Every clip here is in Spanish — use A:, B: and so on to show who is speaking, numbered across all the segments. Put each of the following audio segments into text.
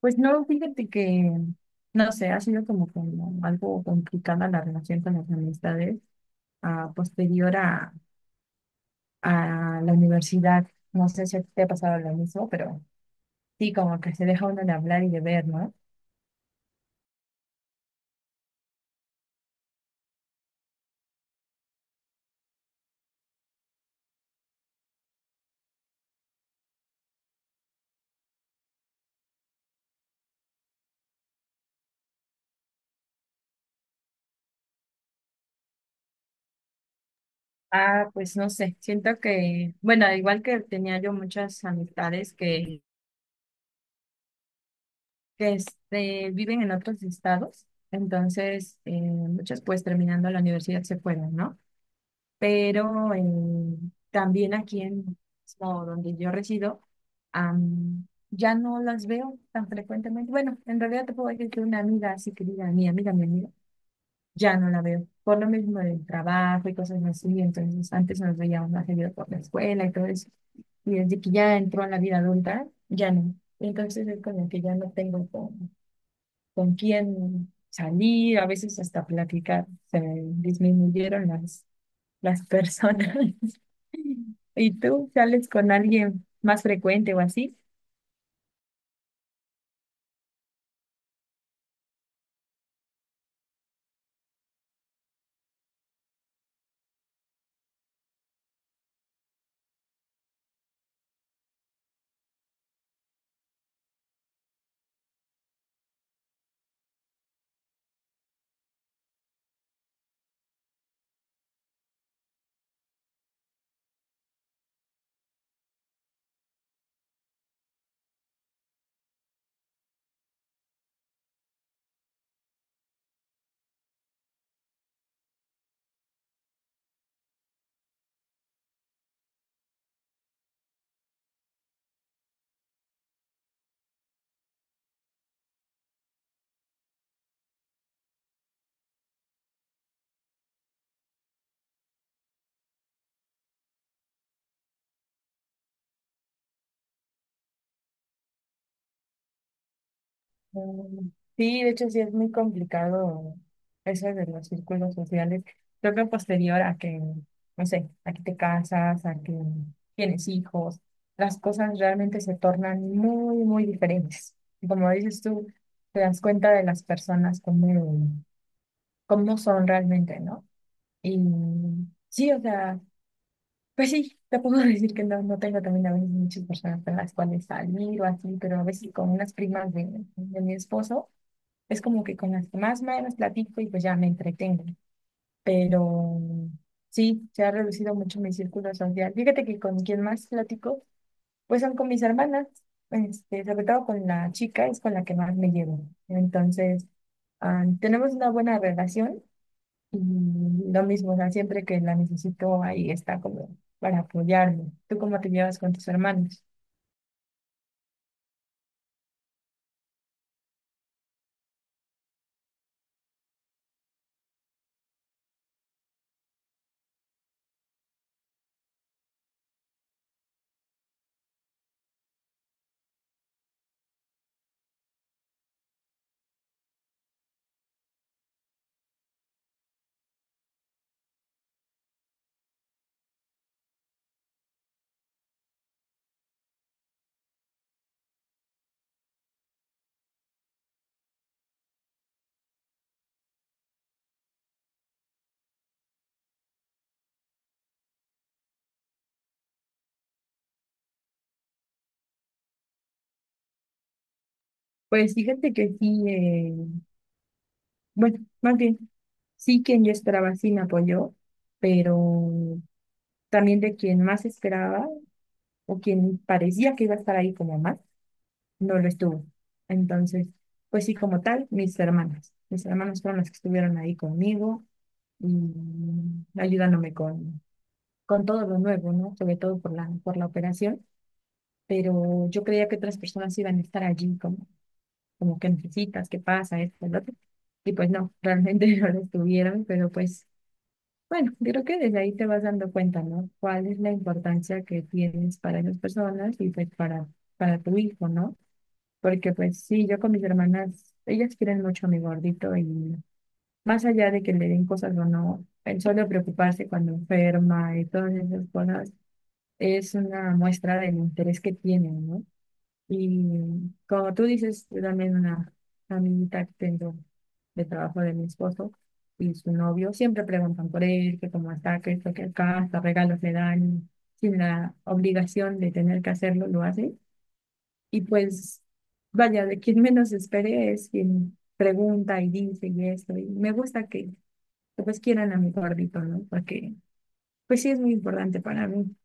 A: Pues no, fíjate que, no sé, ha sido como algo complicada la relación con las amistades posterior a la universidad. No sé si a ti te ha pasado lo mismo, pero sí, como que se deja uno de hablar y de ver, ¿no? Pues no sé, siento que, bueno, igual que tenía yo muchas amistades que viven en otros estados, entonces muchas pues terminando la universidad se fueron, ¿no? Pero también aquí en como donde yo resido, ya no las veo tan frecuentemente. Bueno, en realidad te puedo decir que una amiga así querida, mi amiga, ya no la veo, por lo mismo del trabajo y cosas así. Entonces antes nos veíamos más seguido por la escuela y todo eso, y desde que ya entró a la vida adulta, ya no. Entonces es como que ya no tengo con quién salir, a veces hasta platicar, se disminuyeron las personas. ¿Y tú sales con alguien más frecuente o así? Mm. Sí, de hecho sí es muy complicado eso de los círculos sociales. Creo que posterior a que, no sé, a que te casas, a que tienes hijos, las cosas realmente se tornan muy, muy diferentes. Y como dices tú, te das cuenta de las personas cómo cómo son realmente, ¿no? Y sí, o sea, pues sí, te puedo decir que no, no tengo también a veces muchas personas con las cuales salir o así, pero a veces con unas primas de mi esposo es como que con las que más o menos platico y pues ya me entretengo. Pero sí, se ha reducido mucho mi círculo social. Fíjate que con quien más platico, pues son con mis hermanas, este, sobre todo con la chica, es con la que más me llevo. Entonces, tenemos una buena relación y lo mismo, o sea, siempre que la necesito, ahí está como para apoyarme. ¿Tú cómo te llevas con tus hermanos? Pues fíjate que sí, bueno, más bien, sí quien yo esperaba sí me apoyó, pero también de quien más esperaba o quien parecía que iba a estar ahí como más, no lo estuvo. Entonces, pues sí, como tal, mis hermanas. Mis hermanas fueron las que estuvieron ahí conmigo y ayudándome con todo lo nuevo, ¿no? Sobre todo por la operación. Pero yo creía que otras personas iban a estar allí como, como que necesitas, qué pasa, esto, el otro. Y pues no, realmente no lo estuvieron, pero pues bueno, yo creo que desde ahí te vas dando cuenta, ¿no? ¿Cuál es la importancia que tienes para esas personas y pues para tu hijo, ¿no? Porque pues sí, yo con mis hermanas, ellas quieren mucho a mi gordito, y más allá de que le den cosas o no, el solo preocuparse cuando enferma y todas esas cosas es una muestra del interés que tienen, ¿no? Y como tú dices, yo también una amiguita que tengo de trabajo de mi esposo y su novio siempre preguntan por él, que cómo está, que esto, que acá, hasta regalos le dan, sin la obligación de tener que hacerlo, lo hace. Y pues, vaya, de quien menos espere es quien pregunta y dice y esto. Y me gusta que, pues quieran a mi gordito, ¿no? Porque pues sí es muy importante para mí.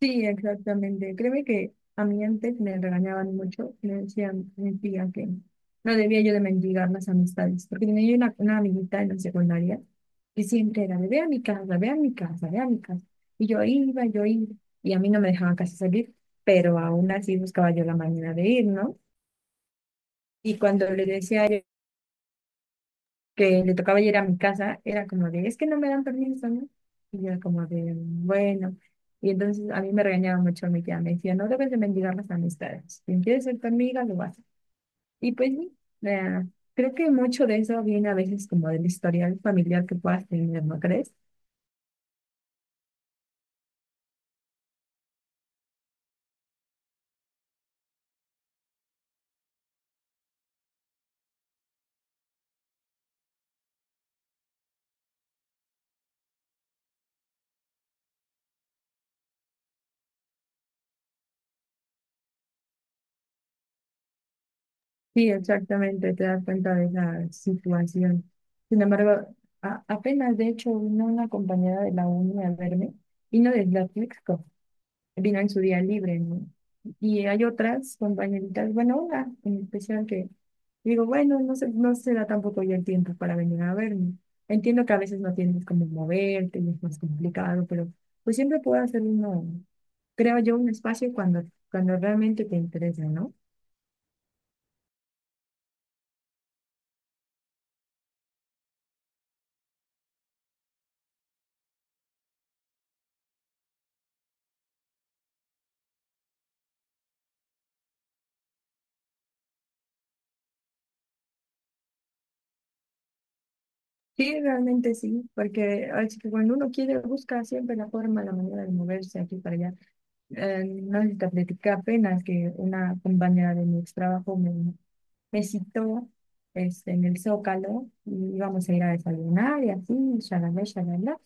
A: Sí, exactamente. Créeme que a mí antes me regañaban mucho, me decían que no debía yo de mendigar las amistades, porque tenía yo una amiguita en la secundaria que siempre era de ve a mi casa, ve a mi casa, ve a mi casa. Y yo iba, y a mí no me dejaban casi salir, pero aún así buscaba yo la manera de ir, ¿no? Y cuando le decía que le tocaba ir a mi casa, era como de, es que no me dan permiso, ¿no? Y yo era como de, bueno. Y entonces a mí me regañaba mucho mi tía, me decía, no debes de mendigar las amistades. Si quieres ser tu amiga, lo vas. Y pues sí, eh, creo que mucho de eso viene a veces como del historial familiar que puedas tener, ¿no crees? Sí, exactamente, te das cuenta de esa situación. Sin embargo, apenas de hecho vino una compañera de la uni a verme, vino de Tlaxcala, vino en su día libre, ¿no? Y hay otras compañeritas, bueno, una en especial que digo, bueno, no se da tampoco ya el tiempo para venir a verme. Entiendo que a veces no tienes como moverte y es más complicado, pero pues siempre puedo hacer uno, creo yo, un espacio cuando realmente te interesa, ¿no? Sí, realmente sí, porque así que cuando uno quiere, busca siempre la forma, la manera de moverse aquí para allá. No sé si apenas que una compañera de mi ex trabajo me citó este, en el Zócalo y íbamos a ir a desayunar y así, shalala, shalala.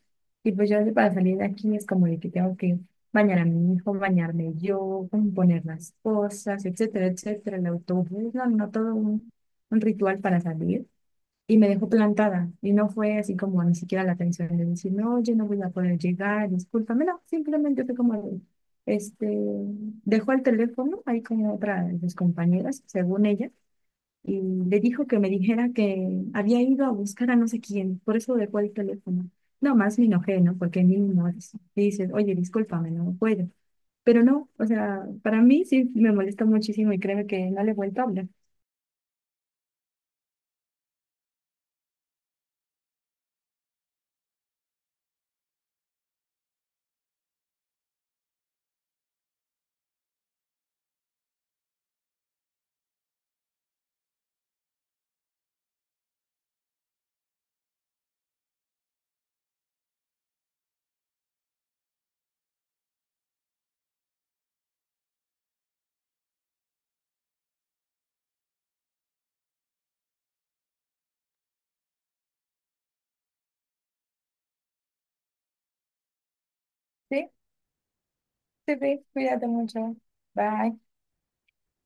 A: Y pues yo para salir de aquí es como de que tengo que bañar a mi hijo, bañarme yo, poner las cosas, etcétera, etcétera, el autobús, no, no, todo un ritual para salir. Y me dejó plantada y no fue así como ni siquiera la atención de decir, no, oye, no voy a poder llegar, discúlpame, no, simplemente fue como de, este, dejó el teléfono ahí con otra de sus compañeras, según ella, y le dijo que me dijera que había ido a buscar a no sé quién, por eso dejó el teléfono. No más me enojé, ¿no? Porque ni no es- y dices, oye, discúlpame, no puedo. Pero no, o sea, para mí sí me molesta muchísimo y créeme que no le he vuelto a hablar. Sí, sí, sí, cuídate mucho. Bye.